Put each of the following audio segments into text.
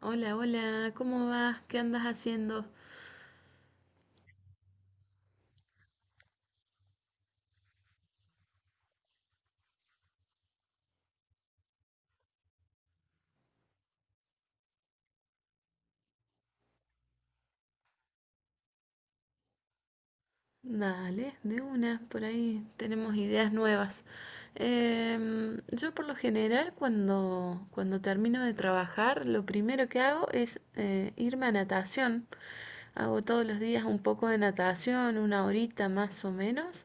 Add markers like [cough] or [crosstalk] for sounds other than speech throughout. Hola, hola, ¿cómo vas? ¿Qué andas haciendo? Dale, de una, por ahí tenemos ideas nuevas. Yo por lo general cuando termino de trabajar, lo primero que hago es irme a natación. Hago todos los días un poco de natación, una horita más o menos.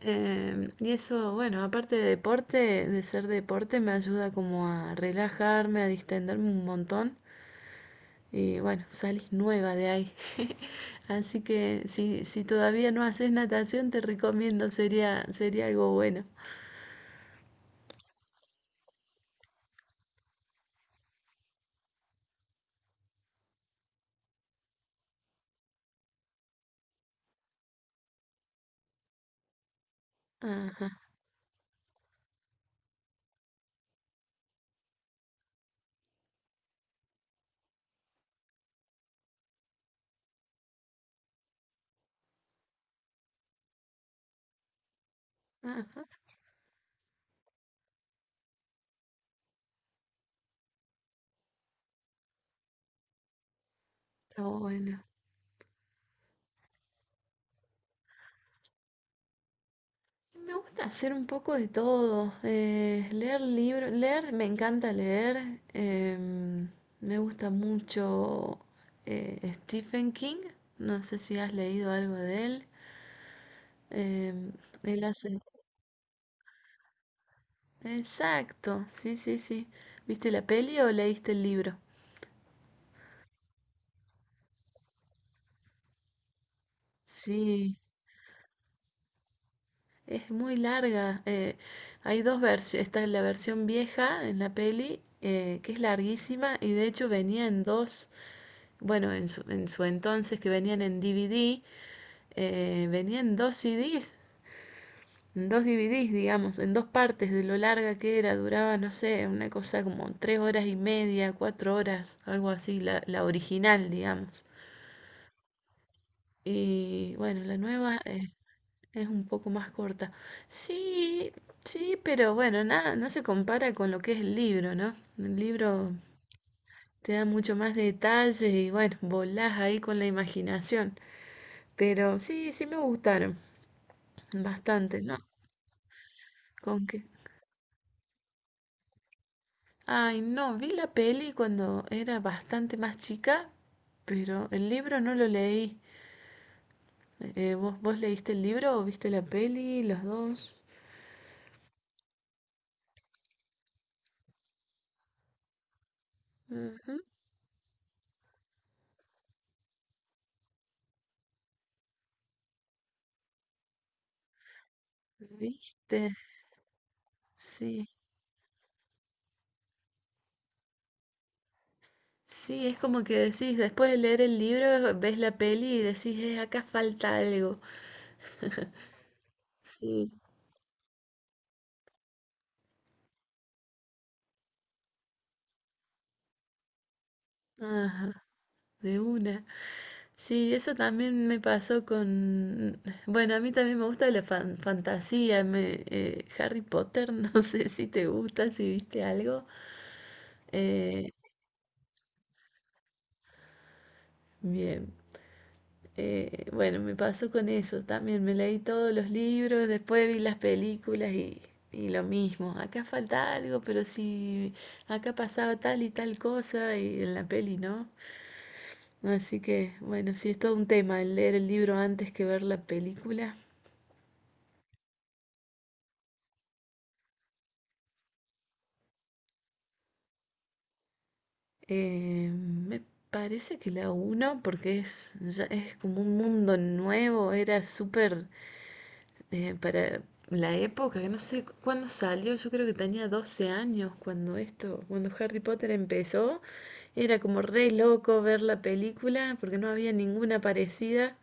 Y eso, bueno, aparte de deporte, de ser deporte, me ayuda como a relajarme, a distenderme un montón. Y bueno, salís nueva de ahí. [laughs] Así que si todavía no haces natación, te recomiendo, sería algo bueno. Ajá, ajá, está bueno. Me gusta hacer un poco de todo. Eh, leer libros, leer, me encanta leer. Me gusta mucho Stephen King. No sé si has leído algo de él. em, Él hace... Exacto, sí, sí, sí. ¿Viste la peli o leíste el libro? Sí, es muy larga. Eh, hay dos versiones. Está la versión vieja en la peli, que es larguísima y de hecho venía en dos, bueno, en su entonces que venían en DVD, venía en dos CDs, en dos DVDs, digamos, en dos partes de lo larga que era. Duraba, no sé, una cosa como tres horas y media, cuatro horas, algo así, la original, digamos. Y bueno, la nueva... Es un poco más corta. Sí, sí, pero bueno, nada, no se compara con lo que es el libro, ¿no? El libro te da mucho más detalles y bueno, volás ahí con la imaginación. Pero sí, sí me gustaron bastante, ¿no? Con que... Ay, no, vi la peli cuando era bastante más chica, pero el libro no lo leí. ¿Vos leíste el libro o viste la peli, ¿los dos? Ujú. ¿Viste? Sí. Sí, es como que decís, después de leer el libro, ves la peli y decís: acá falta algo". Sí, ajá, de una. Sí, eso también me pasó con... Bueno, a mí también me gusta la fantasía, me, Harry Potter, [laughs] no sé si te gusta, si viste algo. Eh, bien. Bueno, me pasó con eso también. Me leí todos los libros, después vi las películas y lo mismo. Acá falta algo, pero si acá pasaba tal y tal cosa y en la peli no. Así que, bueno, sí, es todo un tema el leer el libro antes que ver la película. Me parece que la uno, porque es, ya es como un mundo nuevo, era súper para la época, que no sé cuándo salió, yo creo que tenía 12 años cuando esto, cuando Harry Potter empezó, era como re loco ver la película porque no había ninguna parecida.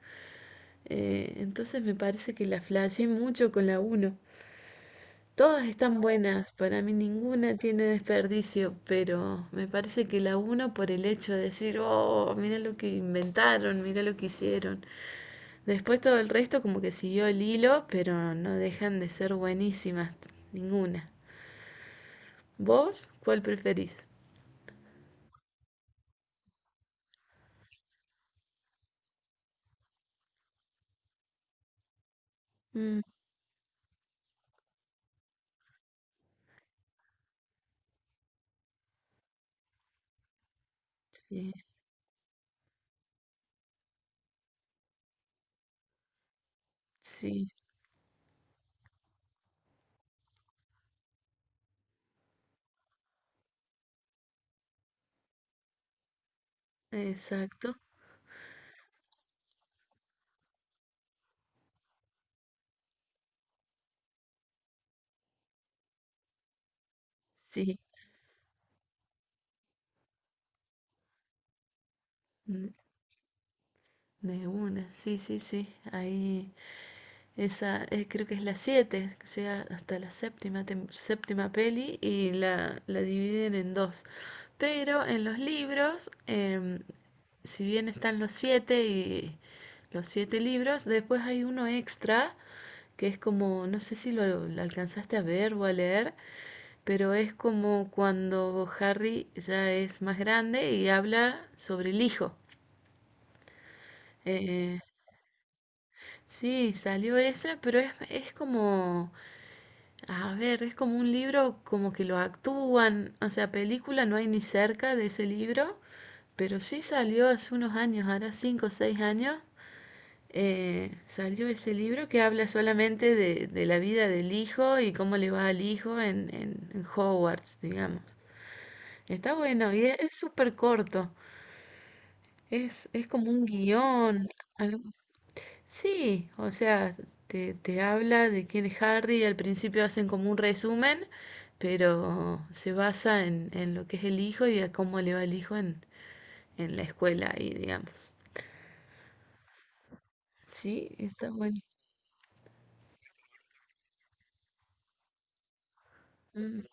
Entonces me parece que la flashé mucho con la uno. Todas están buenas, para mí ninguna tiene desperdicio, pero me parece que la uno por el hecho de decir, oh, mira lo que inventaron, mira lo que hicieron. Después todo el resto como que siguió el hilo, pero no dejan de ser buenísimas ninguna. ¿Vos cuál preferís? Mm, sí, sí, exacto, sí, n- de una, sí, sí, sí, ahí, esa, creo que es la siete, que llega hasta la séptima, séptima peli y la dividen en dos, pero en los libros, si bien están los siete y los siete libros, después hay uno extra que es como, no sé si lo alcanzaste a ver o a leer, pero es como cuando Harry ya es más grande y habla sobre el hijo. Eh, sí, salió ese, pero es como, a ver, es como un libro como que lo actúan, o sea, película no hay ni cerca de ese libro, pero sí salió hace unos años, ahora 5 o 6 años, salió ese libro que habla solamente de la vida del hijo y cómo le va al hijo en, en Hogwarts, digamos. Está bueno y es súper corto. Es como un guión. algo- Sí, o sea, te habla de quién es Harry, al principio hacen como un resumen, pero se basa en lo que es el hijo y a cómo le va el hijo en la escuela ahí, digamos. Sí, está bueno. Mm,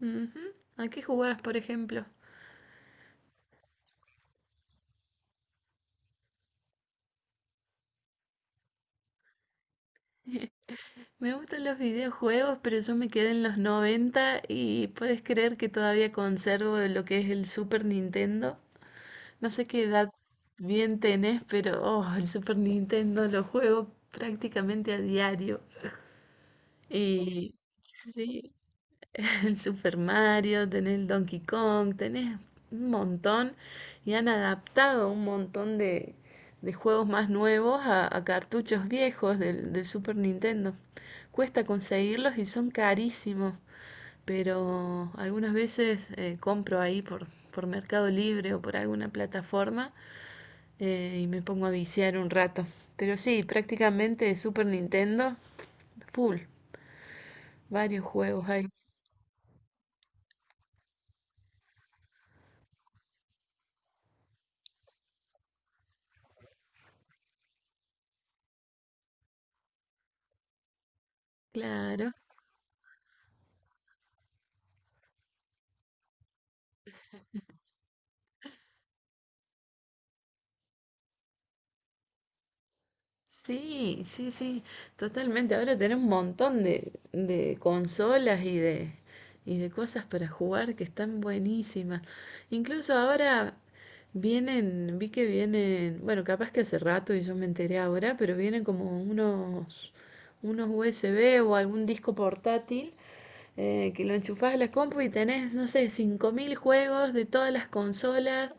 ujú. ¿A qué jugás, por ejemplo? Me gustan los videojuegos, pero yo me quedé en los 90 y puedes creer que todavía conservo lo que es el Super Nintendo. No sé qué edad bien tenés, pero oh, el Super Nintendo lo juego prácticamente a diario. Y sí, [laughs] el Super Mario, tenés el Donkey Kong, tenés un montón, y han adaptado un montón de juegos más nuevos a cartuchos viejos del Super Nintendo. Cuesta conseguirlos y son carísimos, pero algunas veces compro ahí por Mercado Libre o por alguna plataforma y me pongo a viciar un rato. Pero sí, prácticamente Super Nintendo, full, varios juegos ahí. Claro. Sí, sí, sí, totalmente. Ahora tenés un montón de consolas y y de cosas para jugar que están buenísimas. Incluso ahora vienen, vi que vienen, bueno, capaz que hace rato y yo me enteré ahora, pero vienen como unos USB o algún disco portátil que lo enchufás a la compu y tenés, no sé, 5.000 juegos de todas las consolas,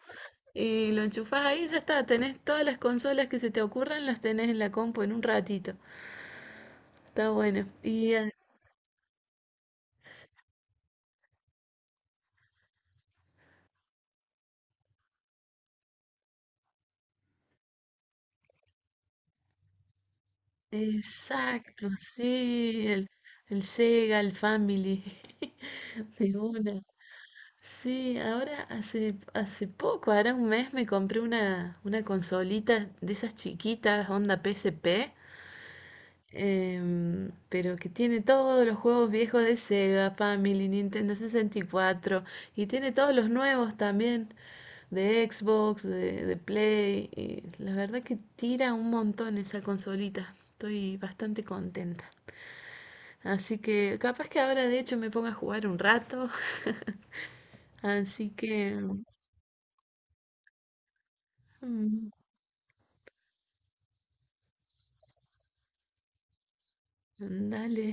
y lo enchufás ahí y ya está. Tenés todas las consolas que se te ocurran, las tenés en la compu en un ratito. Está bueno. Y exacto, sí. El Sega, el Family. [laughs] De una. Sí, ahora hace, hace poco, ahora un mes me compré una consolita de esas chiquitas, onda PSP. Pero que tiene todos los juegos viejos de Sega, Family, Nintendo 64 y cuatro, y tiene todos los nuevos también de Xbox, de Play. Y la verdad que tira un montón esa consolita. Estoy bastante contenta. Así que capaz que ahora de hecho me ponga a jugar un rato. [laughs] Así que mm, dale,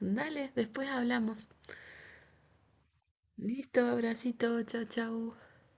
dale, después hablamos. Listo, abracito, chao, chao.